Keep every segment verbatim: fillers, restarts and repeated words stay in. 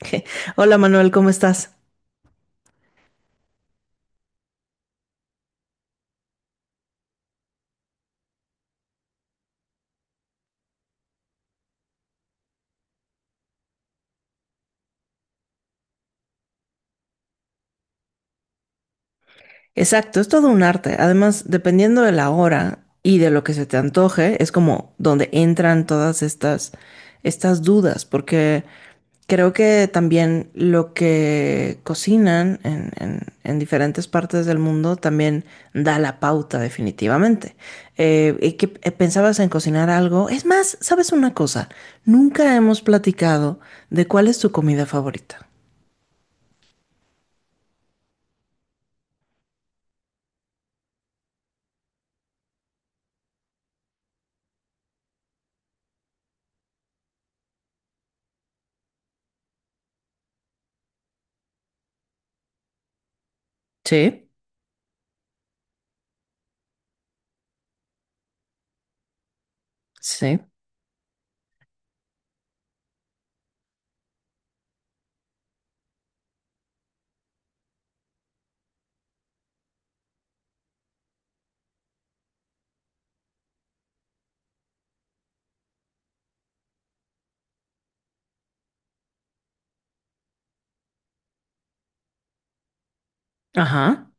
Hola Manuel, ¿cómo estás? Exacto, es todo un arte. Además, dependiendo de la hora y de lo que se te antoje, es como donde entran todas estas, estas dudas, porque creo que también lo que cocinan en, en- en diferentes partes del mundo también da la pauta definitivamente. Eh, ¿y qué- eh, pensabas en cocinar algo? Es más, ¿sabes una cosa? Nunca hemos platicado de cuál es tu comida favorita. Sí, sí. Ajá.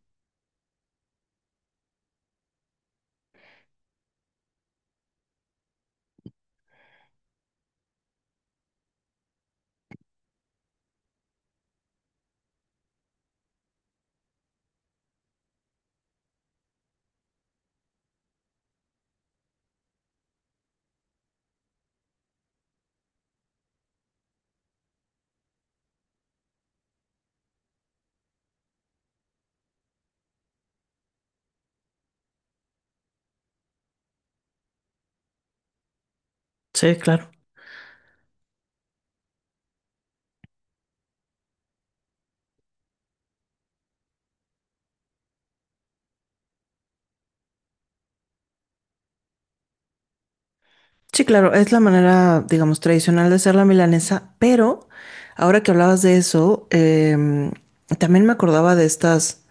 Sí, claro. Sí, claro, es la manera, digamos, tradicional de hacer la milanesa, pero ahora que hablabas de eso, em, también me acordaba de estas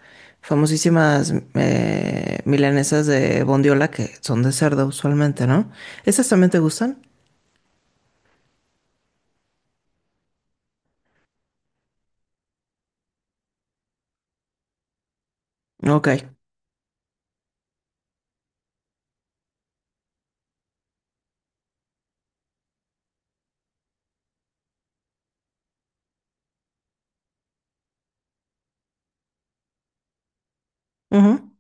famosísimas eh, milanesas de bondiola que son de cerdo usualmente, ¿no? ¿Esas también te gustan? Ok. Ujú.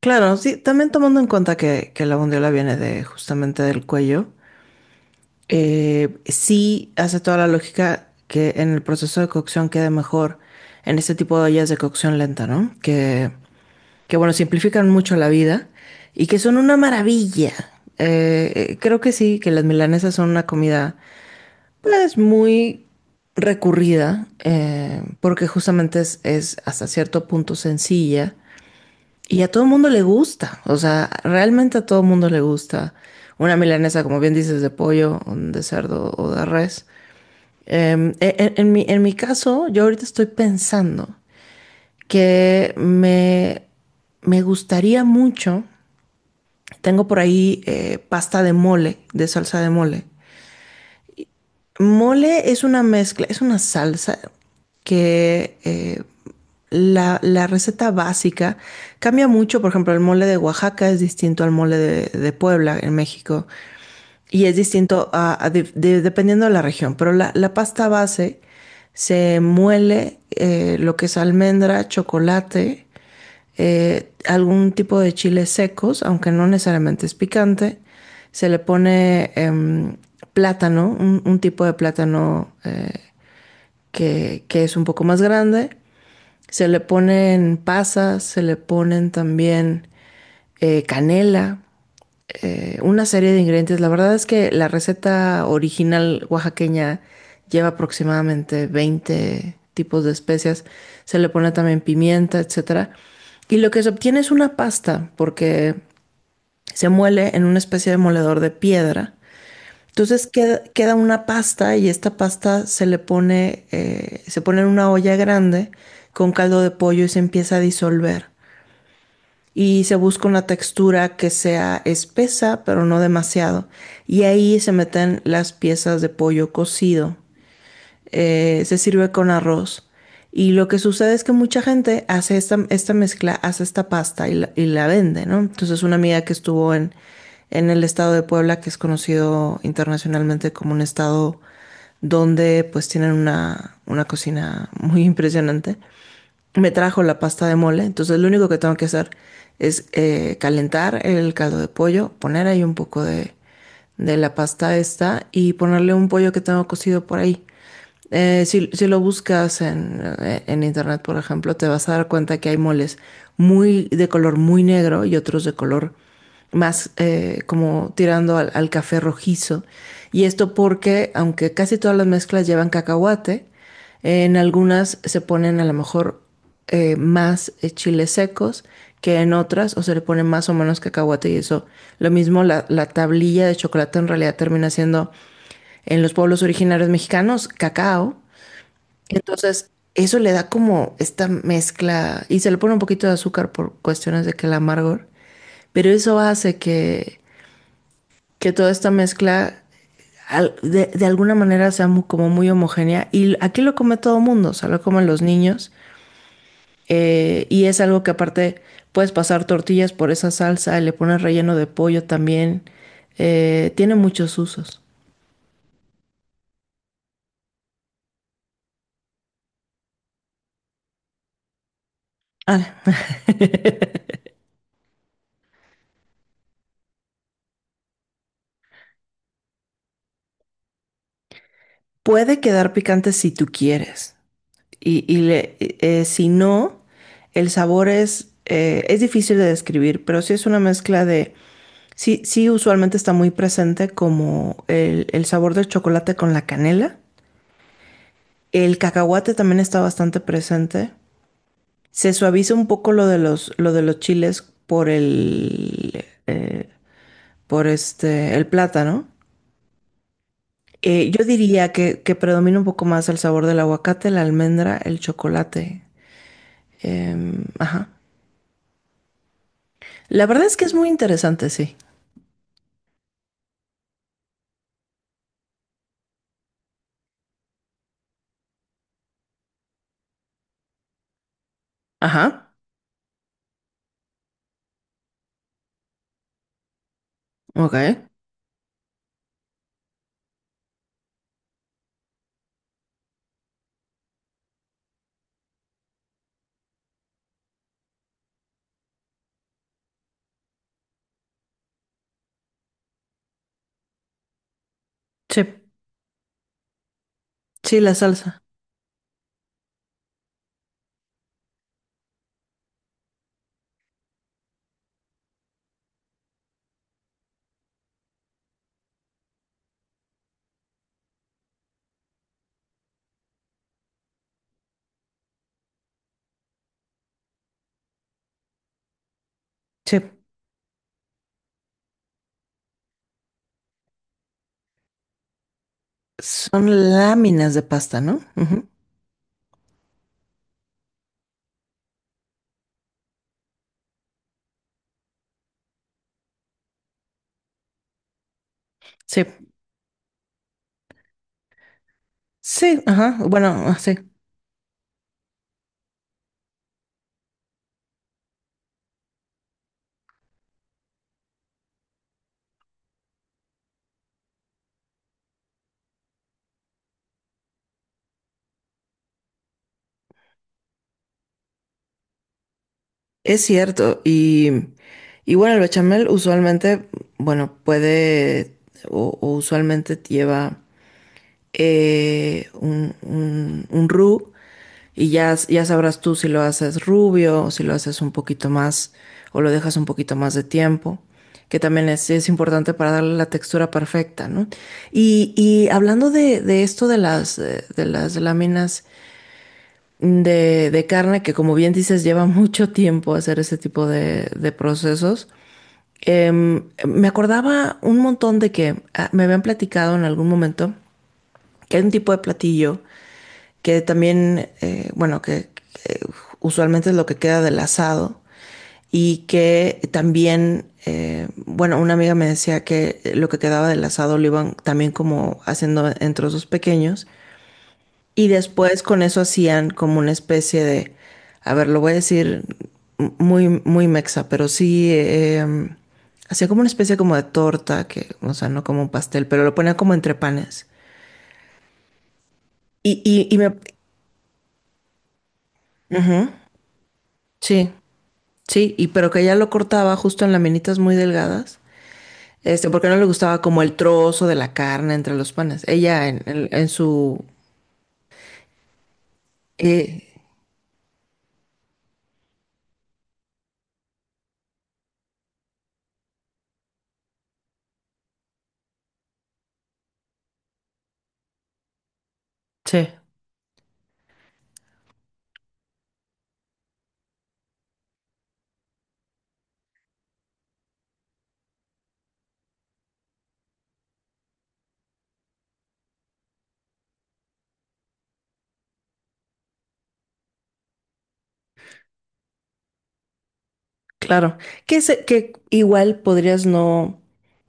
Claro, sí, también tomando en cuenta que, que la bondiola viene de justamente del cuello. Eh, sí hace toda la lógica que en el proceso de cocción quede mejor en este tipo de ollas de cocción lenta, ¿no? Que, que bueno, simplifican mucho la vida y que son una maravilla. Eh, eh, creo que sí, que las milanesas son una comida pues muy recurrida eh, porque justamente es, es hasta cierto punto sencilla y a todo el mundo le gusta, o sea, realmente a todo el mundo le gusta una milanesa, como bien dices, de pollo, o de cerdo o de res. Em, e- en, en mi, en mi caso, yo ahorita estoy pensando que me, me gustaría mucho, tengo por ahí eh, pasta de mole, de salsa de mole. Mole es una mezcla, es una salsa que eh, la, la receta básica cambia mucho. Por ejemplo, el mole de Oaxaca es distinto al mole de, de Puebla en México y es distinto a- a de- de- dependiendo de la región. Pero la, la pasta base se muele eh, lo que es almendra, chocolate eh, algún tipo de chiles secos, aunque no necesariamente es picante. Se le pone em, plátano, un, un tipo de plátano eh, que, que es un poco más grande. Se le ponen pasas, se le ponen también eh, canela, eh, una serie de ingredientes. La verdad es que la receta original oaxaqueña lleva aproximadamente veinte tipos de especias. Se le pone también pimienta, etcétera. Y lo que se obtiene es una pasta, porque se muele en una especie de moledor de piedra entonces queda, queda una pasta y esta pasta se le pone, eh, se pone en una olla grande con caldo de pollo y se empieza a disolver. Y se busca una textura que sea espesa, pero no demasiado. Y ahí se meten las piezas de pollo cocido, eh, se sirve con arroz. Y lo que sucede es que mucha gente hace esta, esta mezcla, hace esta pasta y la, y la vende, ¿no? Entonces una amiga que estuvo en, en el estado de Puebla, que es conocido internacionalmente como un estado donde pues tienen una, una cocina muy impresionante, me trajo la pasta de mole. Entonces lo único que tengo que hacer es eh, calentar el caldo de pollo, poner ahí un poco de, de la pasta esta y ponerle un pollo que tengo cocido por ahí. Eh, si, si lo buscas en, eh, en internet, por ejemplo, te vas a dar cuenta que hay moles muy de color muy negro y otros de color más eh, como tirando al, al café rojizo. Y esto porque, aunque casi todas las mezclas llevan cacahuate, en algunas se ponen a lo mejor eh, más eh, chiles secos que en otras, o se le pone más o menos cacahuate y eso. Lo mismo la, la tablilla de chocolate en realidad termina siendo en los pueblos originarios mexicanos cacao. Entonces, eso le da como esta mezcla y se le pone un poquito de azúcar por cuestiones de que el amargor, pero eso hace que que toda esta mezcla al- de, de alguna manera sea mu- como muy homogénea. Y aquí lo come todo mundo, o sea, lo comen los niños. Eh, y es algo que aparte puedes pasar tortillas por esa salsa y le pones relleno de pollo también. Eh, tiene muchos usos. Ah, puede quedar picante si tú quieres. Y, y le- eh, si no, el sabor es, eh, es difícil de describir, pero sí es una mezcla de. Sí, sí, usualmente está muy presente como el, el sabor del chocolate con la canela. El cacahuate también está bastante presente. Se suaviza un poco lo de los, lo de los chiles por el, eh, por este, el plátano. Eh, yo diría que, que predomina un poco más el sabor del aguacate, la almendra, el chocolate. Em, ajá. La verdad es que es muy interesante, sí. Ajá. Ok. Sí. Sí, la salsa. Sí. Son láminas de pasta, ¿no? Ujú. Sí. Sí, ajá, bueno, ah, sí, es cierto. Y, y bueno, el bechamel usualmente, bueno, puede o, o usualmente lleva eh, un, un, un roux y ya, ya sabrás tú si lo haces rubio o si lo haces un poquito más o lo dejas un poquito más de tiempo, que también es, es importante para darle la textura perfecta, ¿no? Y, y hablando de, de esto de las, eh, de las láminas de, de carne, que como bien dices, lleva mucho tiempo hacer ese tipo de, de procesos, eh, me acordaba un montón de que ah, me habían platicado en algún momento que hay un tipo de platillo que también, eh, bueno, que, que usualmente es lo que queda del asado y que también, eh, bueno, una amiga me decía que lo que quedaba del asado lo iban también como haciendo en trozos pequeños y después con eso hacían como una especie de, a ver, lo voy a decir muy, muy mexa, pero sí, eh, hacía como una especie como de torta, que, o sea, no como un pastel, pero lo ponía como entre panes. Y, y, y me, sí. Sí, y pero que ella lo cortaba justo en laminitas muy delgadas, este, porque no le gustaba como el trozo de la carne entre los panes. Ella en, en- en su... eh, sí, claro. Que, se- que igual podrías no...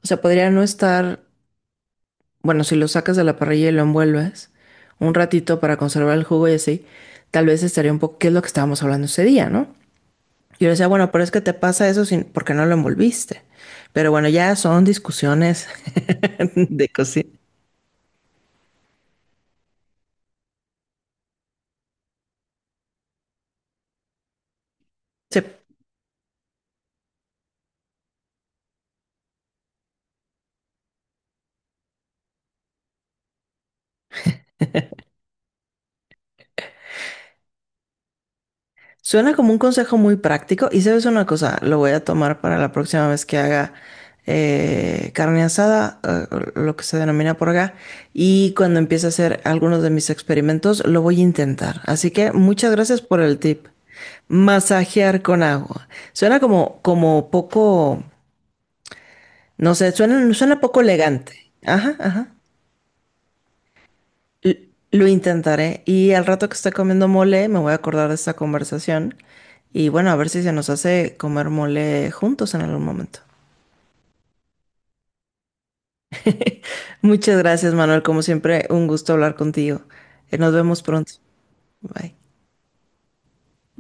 O sea, podría no estar... Bueno, si lo sacas de la parrilla y lo envuelves un ratito para conservar el jugo y así, tal vez estaría un poco... ¿Qué es lo que estábamos hablando ese día, no? Y yo le decía, bueno, pero es que te pasa eso sin, porque no lo envolviste. Pero bueno, ya son discusiones de cocina. Sí. Suena como un consejo muy práctico y sabes una cosa, lo voy a tomar para la próxima vez que haga eh, carne asada, eh, lo que se denomina por acá, y cuando empiece a hacer algunos de mis experimentos, lo voy a intentar. Así que muchas gracias por el tip. Masajear con agua. Suena como, como poco, no sé, suena, suena poco elegante. Ajá, ajá. L- Lo intentaré y al rato que esté comiendo mole me voy a acordar de esta conversación y bueno, a ver si se nos hace comer mole juntos en algún momento. Muchas gracias, Manuel. Como siempre, un gusto hablar contigo. Eh, Nos vemos pronto. Bye.